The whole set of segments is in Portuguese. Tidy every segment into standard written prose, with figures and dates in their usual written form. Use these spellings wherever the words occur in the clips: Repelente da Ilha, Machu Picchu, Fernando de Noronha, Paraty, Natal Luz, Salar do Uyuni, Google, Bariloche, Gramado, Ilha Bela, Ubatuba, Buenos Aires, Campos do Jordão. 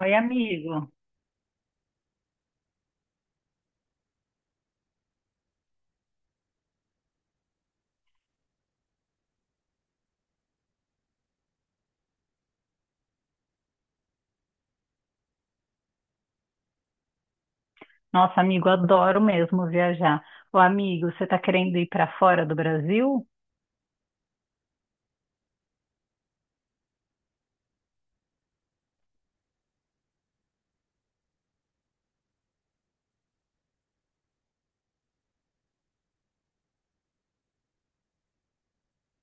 Oi, amigo. Nossa, amigo, adoro mesmo viajar. Ô, amigo, você tá querendo ir para fora do Brasil?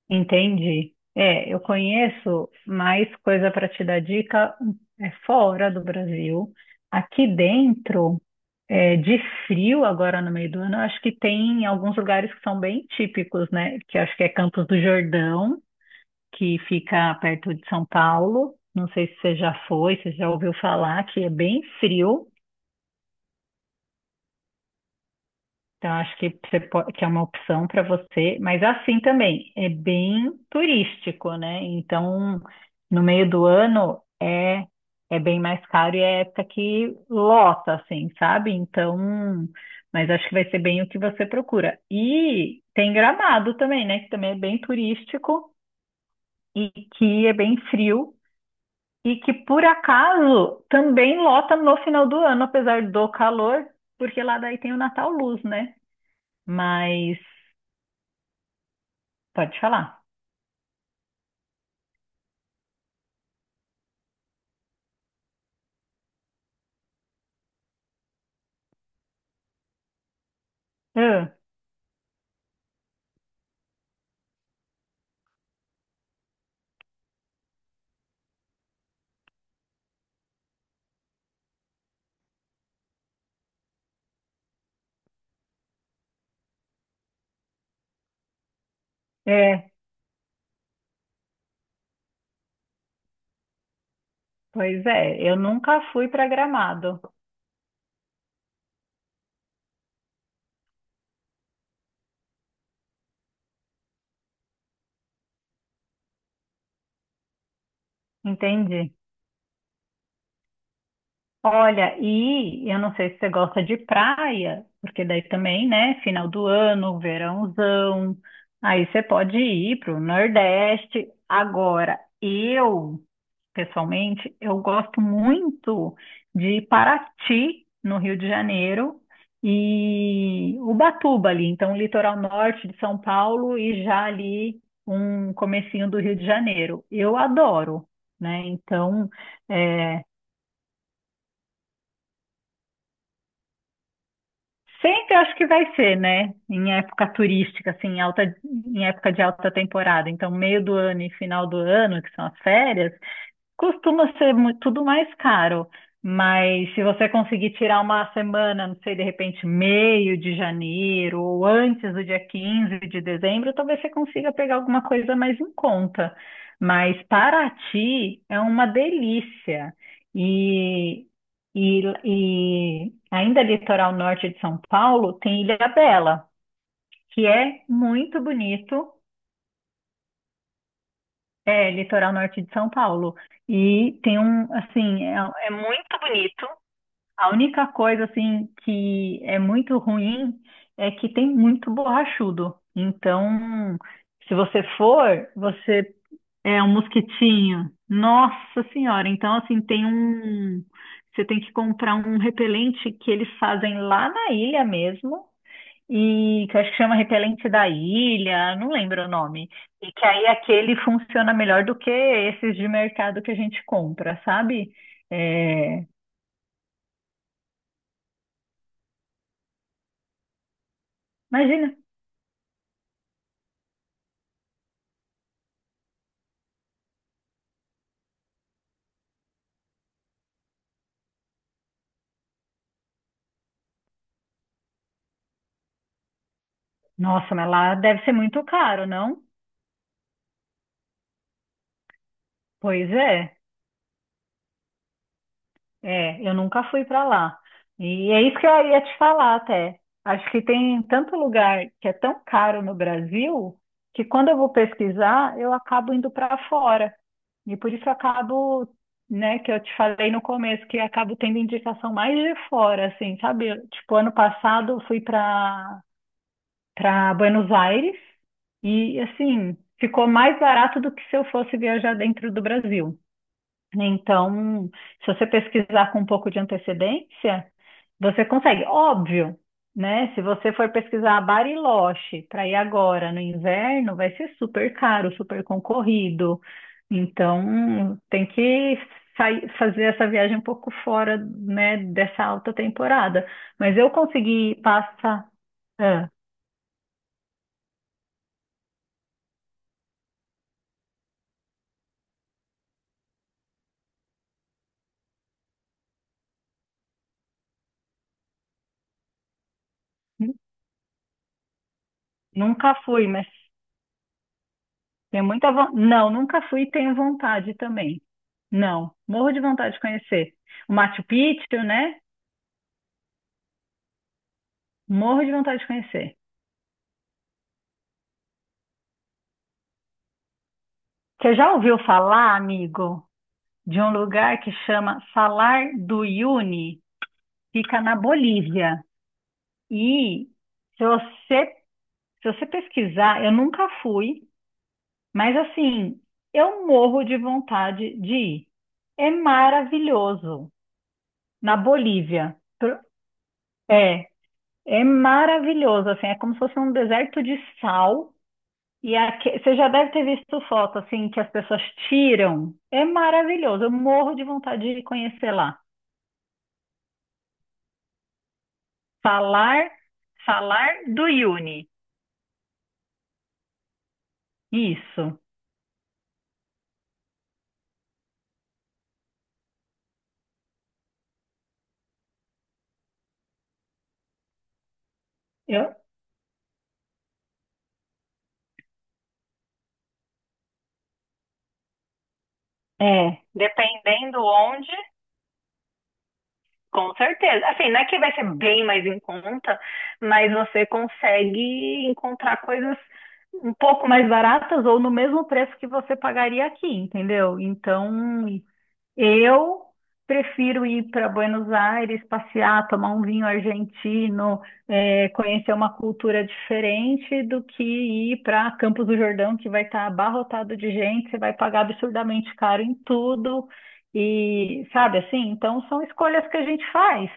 Entendi. É, eu conheço mais coisa para te dar dica é fora do Brasil. Aqui dentro, é, de frio agora no meio do ano, eu acho que tem alguns lugares que são bem típicos, né? Que eu acho que é Campos do Jordão, que fica perto de São Paulo. Não sei se você já foi, se você já ouviu falar, que é bem frio. Então, acho que, você pode, que é uma opção para você, mas assim também, é bem turístico, né? Então, no meio do ano é, é bem mais caro e é época que lota, assim, sabe? Então, mas acho que vai ser bem o que você procura. E tem Gramado também, né? Que também é bem turístico e que é bem frio e que, por acaso, também lota no final do ano, apesar do calor, porque lá daí tem o Natal Luz, né? Mas Pode falar. Ah, é, pois é, eu nunca fui para Gramado. Entendi. Olha, e eu não sei se você gosta de praia, porque daí também, né, final do ano, verãozão, aí você pode ir para o Nordeste. Agora, eu, pessoalmente, eu gosto muito de Paraty, no Rio de Janeiro, e Ubatuba ali, então litoral norte de São Paulo e já ali um comecinho do Rio de Janeiro. Eu adoro, né, então... eh, Sempre acho que vai ser, né? Em época turística, assim, em alta, em época de alta temporada. Então, meio do ano e final do ano, que são as férias, costuma ser tudo mais caro, mas se você conseguir tirar uma semana, não sei, de repente meio de janeiro ou antes do dia 15 de dezembro, talvez você consiga pegar alguma coisa mais em conta. Mas Paraty é uma delícia. E, e ainda litoral norte de São Paulo tem Ilha Bela, que é muito bonito. É, litoral norte de São Paulo. E tem um, assim, é, é muito bonito. A única coisa, assim, que é muito ruim é que tem muito borrachudo. Então, se você for, você é um mosquitinho. Nossa Senhora! Então, assim, tem um. Você tem que comprar um repelente que eles fazem lá na ilha mesmo e que eu acho que chama Repelente da Ilha, não lembro o nome. E que aí aquele funciona melhor do que esses de mercado que a gente compra, sabe? É, imagina. Nossa, mas lá deve ser muito caro, não? Pois é. É, eu nunca fui para lá. E é isso que eu ia te falar até. Acho que tem tanto lugar que é tão caro no Brasil que quando eu vou pesquisar, eu acabo indo para fora. E por isso eu acabo, né, que eu te falei no começo, que eu acabo tendo indicação mais de fora, assim, sabe? Eu, tipo, ano passado eu fui para Buenos Aires e, assim, ficou mais barato do que se eu fosse viajar dentro do Brasil. Então, se você pesquisar com um pouco de antecedência, você consegue. Óbvio, né? Se você for pesquisar Bariloche para ir agora no inverno, vai ser super caro, super concorrido. Então, tem que fazer essa viagem um pouco fora, né, dessa alta temporada. Mas eu consegui passar. ah, Nunca fui, mas. Tenho muita vontade. Não, nunca fui e tenho vontade também. Não, morro de vontade de conhecer. O Machu Picchu, né? Morro de vontade de conhecer. Você já ouviu falar, amigo, de um lugar que chama Salar do Uyuni? Fica na Bolívia. E se você, se você pesquisar, eu nunca fui, mas assim, eu morro de vontade de ir. É maravilhoso. Na Bolívia. É. É maravilhoso, assim, é como se fosse um deserto de sal. E você já deve ter visto foto, assim, que as pessoas tiram. É maravilhoso, eu morro de vontade de conhecer lá. Falar, falar do Yuni. Isso. Eu, é, dependendo onde, com certeza. Assim, não é que vai ser bem mais em conta, mas você consegue encontrar coisas um pouco mais baratas ou no mesmo preço que você pagaria aqui, entendeu? Então, eu prefiro ir para Buenos Aires, passear, tomar um vinho argentino, é, conhecer uma cultura diferente do que ir para Campos do Jordão, que vai estar abarrotado de gente, você vai pagar absurdamente caro em tudo. E sabe assim? Então são escolhas que a gente faz.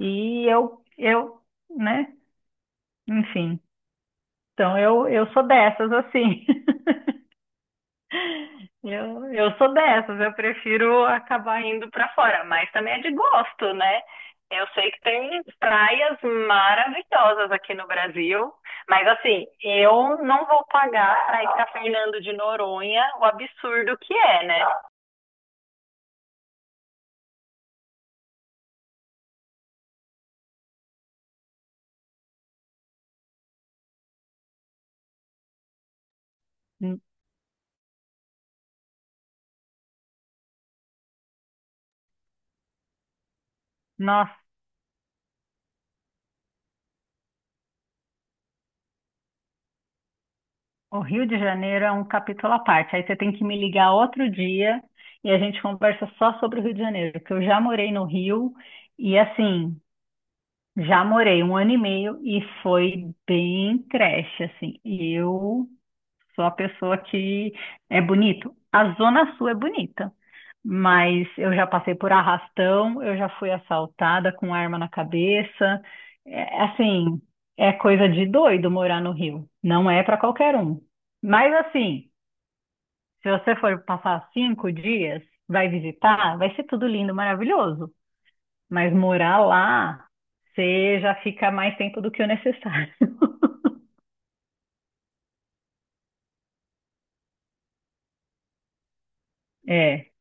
E eu, né? Enfim. Então eu sou dessas assim. Eu sou dessas, eu prefiro acabar indo pra fora, mas também é de gosto, né? Eu sei que tem praias maravilhosas aqui no Brasil, mas assim, eu não vou pagar para ir pra Fernando de Noronha o absurdo que é, né? N- Nossa, o Rio de Janeiro é um capítulo à parte. Aí você tem que me ligar outro dia e a gente conversa só sobre o Rio de Janeiro, porque eu já morei no Rio e assim, já morei um ano e meio e foi bem creche, assim. E eu sou a pessoa que é bonito. A Zona Sul é bonita, mas eu já passei por arrastão, eu já fui assaltada com arma na cabeça. É, assim, é coisa de doido morar no Rio. Não é para qualquer um. Mas assim, se você for passar 5 dias, vai visitar, vai ser tudo lindo, maravilhoso. Mas morar lá, você já fica mais tempo do que o necessário. É,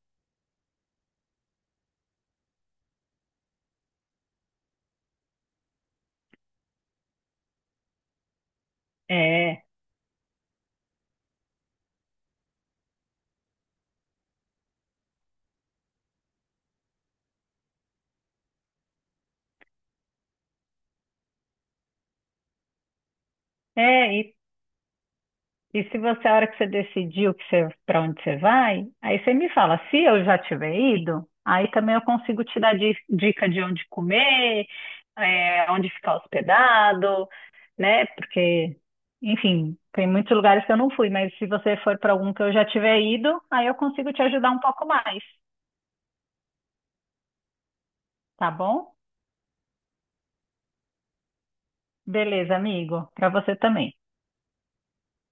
é, é. E se você, a hora que você decidiu que você, para onde você vai, aí você me fala, se eu já tiver ido, aí também eu consigo te dar dica de onde comer, é, onde ficar hospedado, né? Porque, enfim, tem muitos lugares que eu não fui, mas se você for para algum que eu já tiver ido, aí eu consigo te ajudar um pouco mais, tá bom? Beleza, amigo. Para você também.